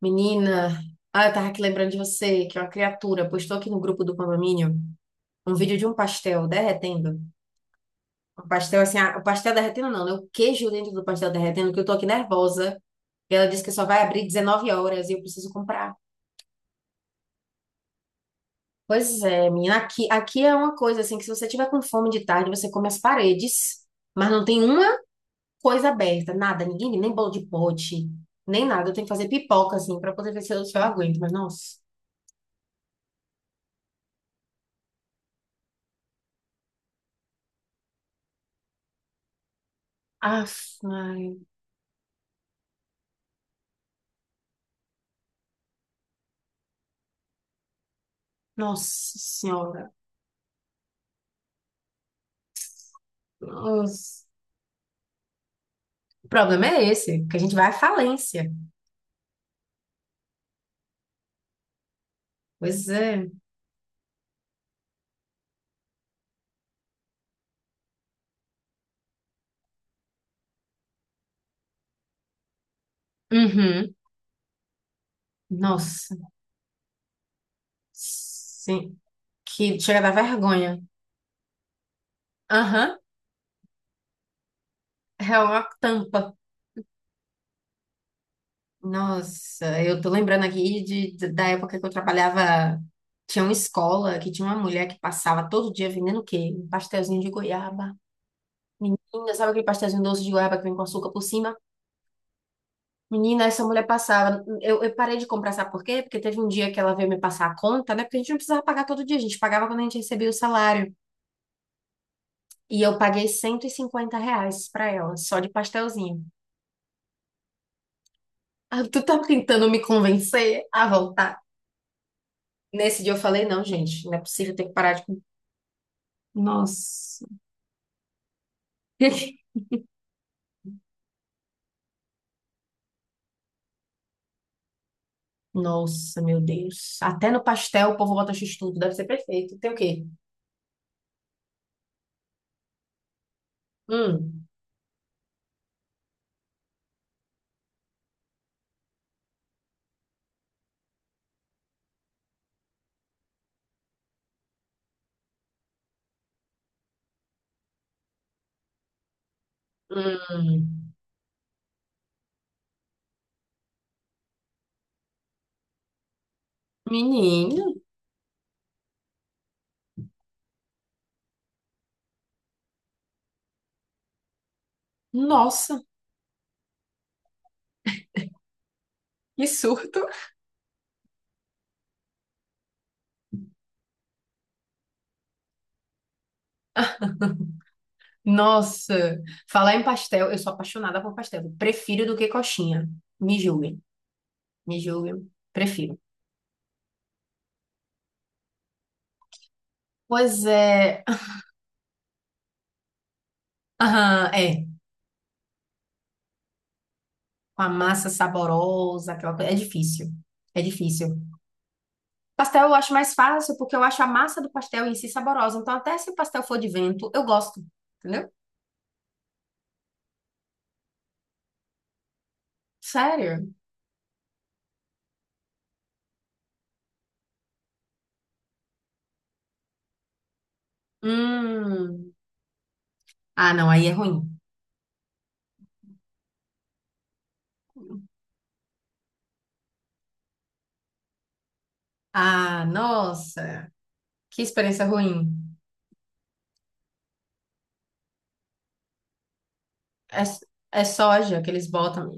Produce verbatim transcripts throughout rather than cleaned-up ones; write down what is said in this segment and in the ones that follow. Menina, ah, eu tava aqui lembrando de você, que é uma criatura postou aqui no grupo do condomínio um vídeo de um pastel derretendo. Um pastel assim, ah, o pastel derretendo não, né? O queijo dentro do pastel derretendo, que eu tô aqui nervosa. E ela disse que só vai abrir dezenove horas e eu preciso comprar. Pois é, menina, aqui, aqui é uma coisa assim, que se você tiver com fome de tarde, você come as paredes, mas não tem uma coisa aberta, nada, ninguém, nem bolo de pote, nem nada. Eu tenho que fazer pipoca, assim, pra poder ver se eu, se eu aguento, mas nossa. Ah, Nossa Senhora. Nossa. O problema é esse, que a gente vai à falência. Pois é. Uhum. Nossa. Sim. Que chega da vergonha. Aham. É uma tampa. Nossa, eu tô lembrando aqui de, de- da época que eu trabalhava. Tinha uma escola que tinha uma mulher que passava todo dia vendendo o quê? Um pastelzinho de goiaba. Menina, sabe aquele pastelzinho doce de goiaba que vem com açúcar por cima? Menina, essa mulher passava. Eu, eu parei de comprar, sabe por quê? Porque teve um dia que ela veio me passar a conta, né? Porque a gente não precisava pagar todo dia, a gente pagava quando a gente recebia o salário. E eu paguei cento e cinquenta reais pra ela, só de pastelzinho. Ah, tu tá tentando me convencer a voltar? Nesse dia eu falei, não, gente, não é possível, eu tenho que parar de. com- Nossa. Nossa, meu Deus. Até no pastel o povo bota x-tudo, deve ser perfeito. Tem o quê? Hum, hum. Menina, nossa, que surto. Nossa, falar em pastel, eu sou apaixonada por pastel. Prefiro do que coxinha. Me julguem, me julguem. Prefiro. Pois é, aham, é. Com a massa saborosa, aquela coisa. É difícil. É difícil. Pastel eu acho mais fácil porque eu acho a massa do pastel em si saborosa. Então, até se o pastel for de vento, eu gosto. Entendeu? Sério? Hum. Ah, não, aí é ruim. Ah, nossa, que experiência ruim. É, é soja que eles botam.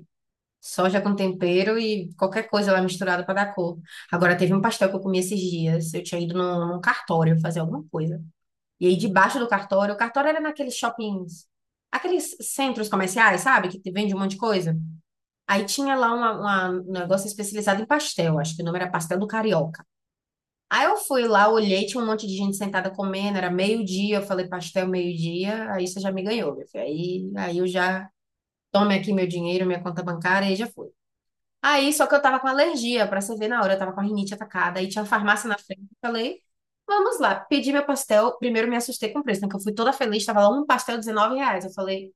Soja com tempero e qualquer coisa lá misturada para dar cor. Agora, teve um pastel que eu comi esses dias. Eu tinha ido num, num cartório fazer alguma coisa. E aí, debaixo do cartório, o cartório era naqueles shoppings, aqueles centros comerciais, sabe? Que te vende um monte de coisa. Aí tinha lá uma, uma- um negócio especializado em pastel. Acho que o nome era Pastel do Carioca. Aí eu fui lá, olhei, tinha um monte de gente sentada comendo. Era meio-dia. Eu falei, pastel meio-dia. Aí você já me ganhou, meu filho. Aí, aí eu já. Tome aqui meu dinheiro, minha conta bancária, e já fui. Aí, só que eu tava com alergia, pra você ver na hora, eu tava com a rinite atacada, aí tinha uma farmácia na frente, eu falei, vamos lá, pedi meu pastel, primeiro me assustei com o preço, né, que eu fui toda feliz, tava lá um pastel dezenove reais, eu falei,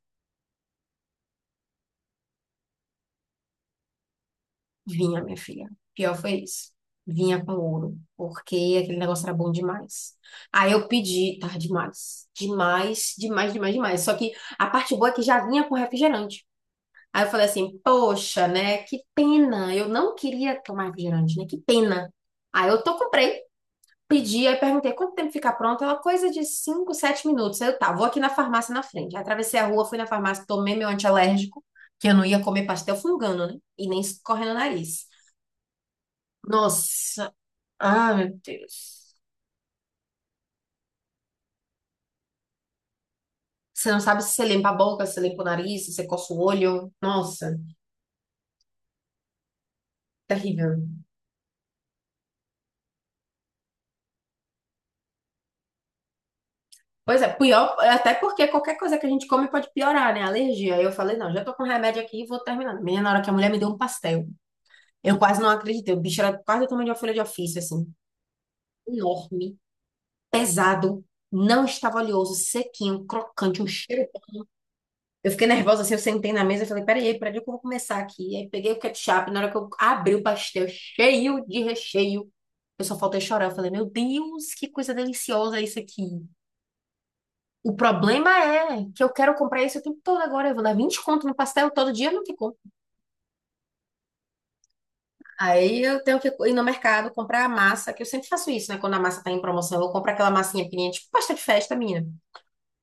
vinha, minha filha, pior foi isso, vinha com ouro, porque aquele negócio era bom demais. Aí eu pedi, tava demais, demais, demais, demais, demais, só que a parte boa é que já vinha com refrigerante. Aí eu falei assim, poxa, né, que pena, eu não queria tomar refrigerante, né, que pena. Aí eu tô, comprei. Pedi, aí perguntei quanto tempo fica pronto. Ela, coisa de cinco sete minutos. Aí eu, tá, vou aqui na farmácia na frente. Aí atravessei a rua, fui na farmácia, tomei meu antialérgico, que eu não ia comer pastel fungando, né? E nem escorrendo o nariz. Nossa, ah, meu Deus. Você não sabe se você limpa a boca, se você limpa o nariz, se você coça o olho. Nossa, terrível. Pois é, pior, até porque qualquer coisa que a gente come pode piorar, né? Alergia. Aí eu falei, não, já tô com remédio aqui e vou terminar. Menina, na hora que a mulher me deu um pastel, eu quase não acreditei. O bicho era quase do tamanho de uma folha de ofício, assim, enorme, pesado, não estava oleoso, sequinho, crocante, um cheiro. Eu fiquei nervosa, assim, eu sentei na mesa e falei, peraí, peraí, que eu vou começar aqui. E aí peguei o ketchup, na hora que eu abri o pastel, cheio de recheio, eu só faltei chorar. Eu falei, meu Deus, que coisa deliciosa isso aqui. O problema é que eu quero comprar isso o tempo todo agora. Eu vou dar vinte conto no pastel todo dia, eu não tem como. Aí eu tenho que ir no mercado comprar a massa, que eu sempre faço isso, né? Quando a massa tá em promoção, eu compro aquela massinha pequenininha, tipo pastel de festa, menina.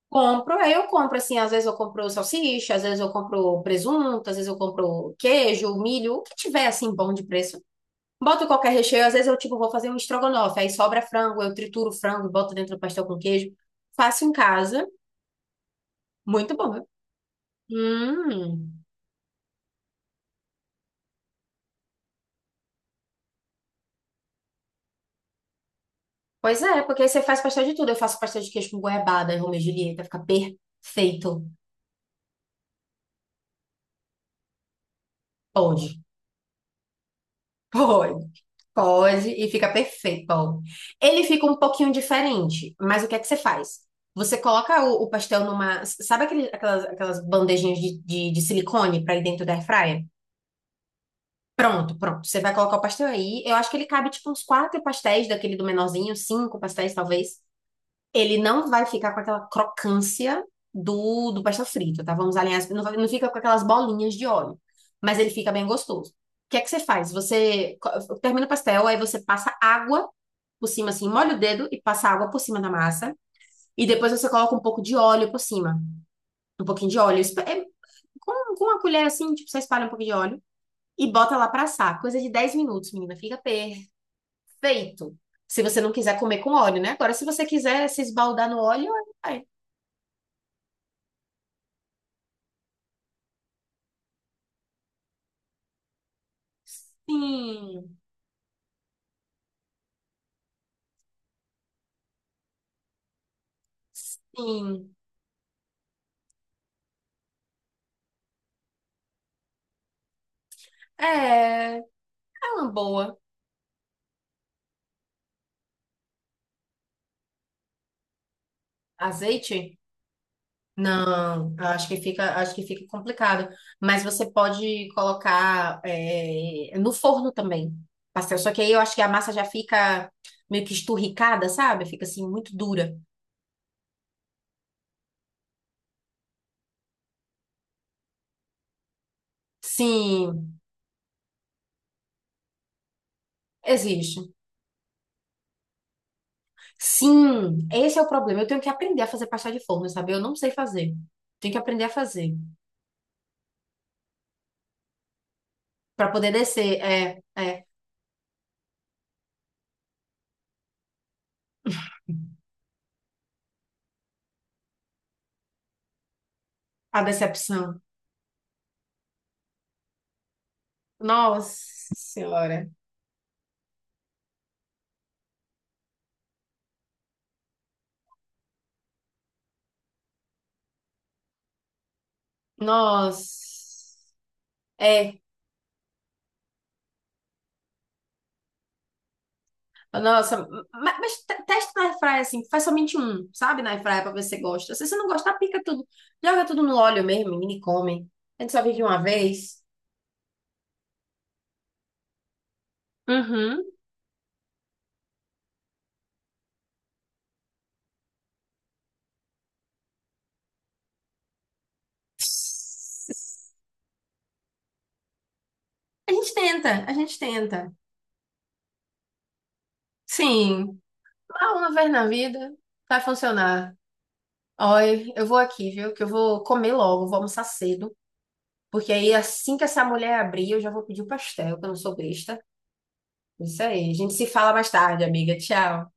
Compro, aí eu compro assim, às vezes eu compro salsicha, às vezes eu compro presunto, às vezes eu compro queijo, milho, o que tiver assim bom de preço. Boto qualquer recheio, às vezes eu tipo vou fazer um estrogonofe, aí sobra frango, eu trituro o frango e boto dentro do pastel com queijo. Faço em casa, muito bom, viu? Hum. Pois é, porque aí você faz pastel de tudo. Eu faço pastel de queijo com goiabada, Romeu e Julieta, fica perfeito. Pode, pode. Pode e fica perfeito, Paulo. Ele fica um pouquinho diferente, mas o que é que você faz? Você coloca o, o pastel numa. Sabe aquele- aquelas, aquelas bandejinhas de, de, de silicone para ir dentro da airfryer? Pronto, pronto. Você vai colocar o pastel aí. Eu acho que ele cabe tipo uns quatro pastéis, daquele do menorzinho, cinco pastéis talvez. Ele não vai ficar com aquela crocância do, do pastel frito, tá? Vamos alinhar. as- Não, vai- não fica com aquelas bolinhas de óleo, mas ele fica bem gostoso. O que é que você faz? Você co- termina o pastel, aí você passa água por cima, assim, molha o dedo e passa água por cima da massa. E depois você coloca um pouco de óleo por cima. Um pouquinho de óleo. é- com, com uma colher assim, tipo, você espalha um pouco de óleo e bota lá pra assar. Coisa de dez minutos, menina. Fica perfeito. Se você não quiser comer com óleo, né? Agora, se você quiser se esbaldar no óleo, vai. Sim, sim. É, é uma boa. Azeite? Não, acho que fica, acho que fica complicado. Mas você pode colocar é, no forno também, pastel. Só que aí eu acho que a massa já fica meio que esturricada, sabe? Fica assim muito dura. Sim, existe. Sim, esse é o problema. Eu tenho que aprender a fazer pastel de forno, sabe? Eu não sei fazer. Tenho que aprender a fazer para poder descer. É, é a decepção. Nossa senhora. Nossa. É, Nossa, ma- mas, te- testa na airfryer assim, faz somente um, sabe, na airfryer pra ver se você gosta. Se você não gostar, pica tudo. Joga tudo no óleo mesmo, menina, e come. A gente só vive uma vez. Uhum. A gente tenta, a gente tenta. Sim, mas uma vez na vida vai funcionar. Olha, eu vou aqui, viu? Que eu vou comer logo, vou almoçar cedo. Porque aí assim que essa mulher abrir, eu já vou pedir o pastel, que eu não sou besta. Isso aí. A gente se fala mais tarde, amiga. Tchau.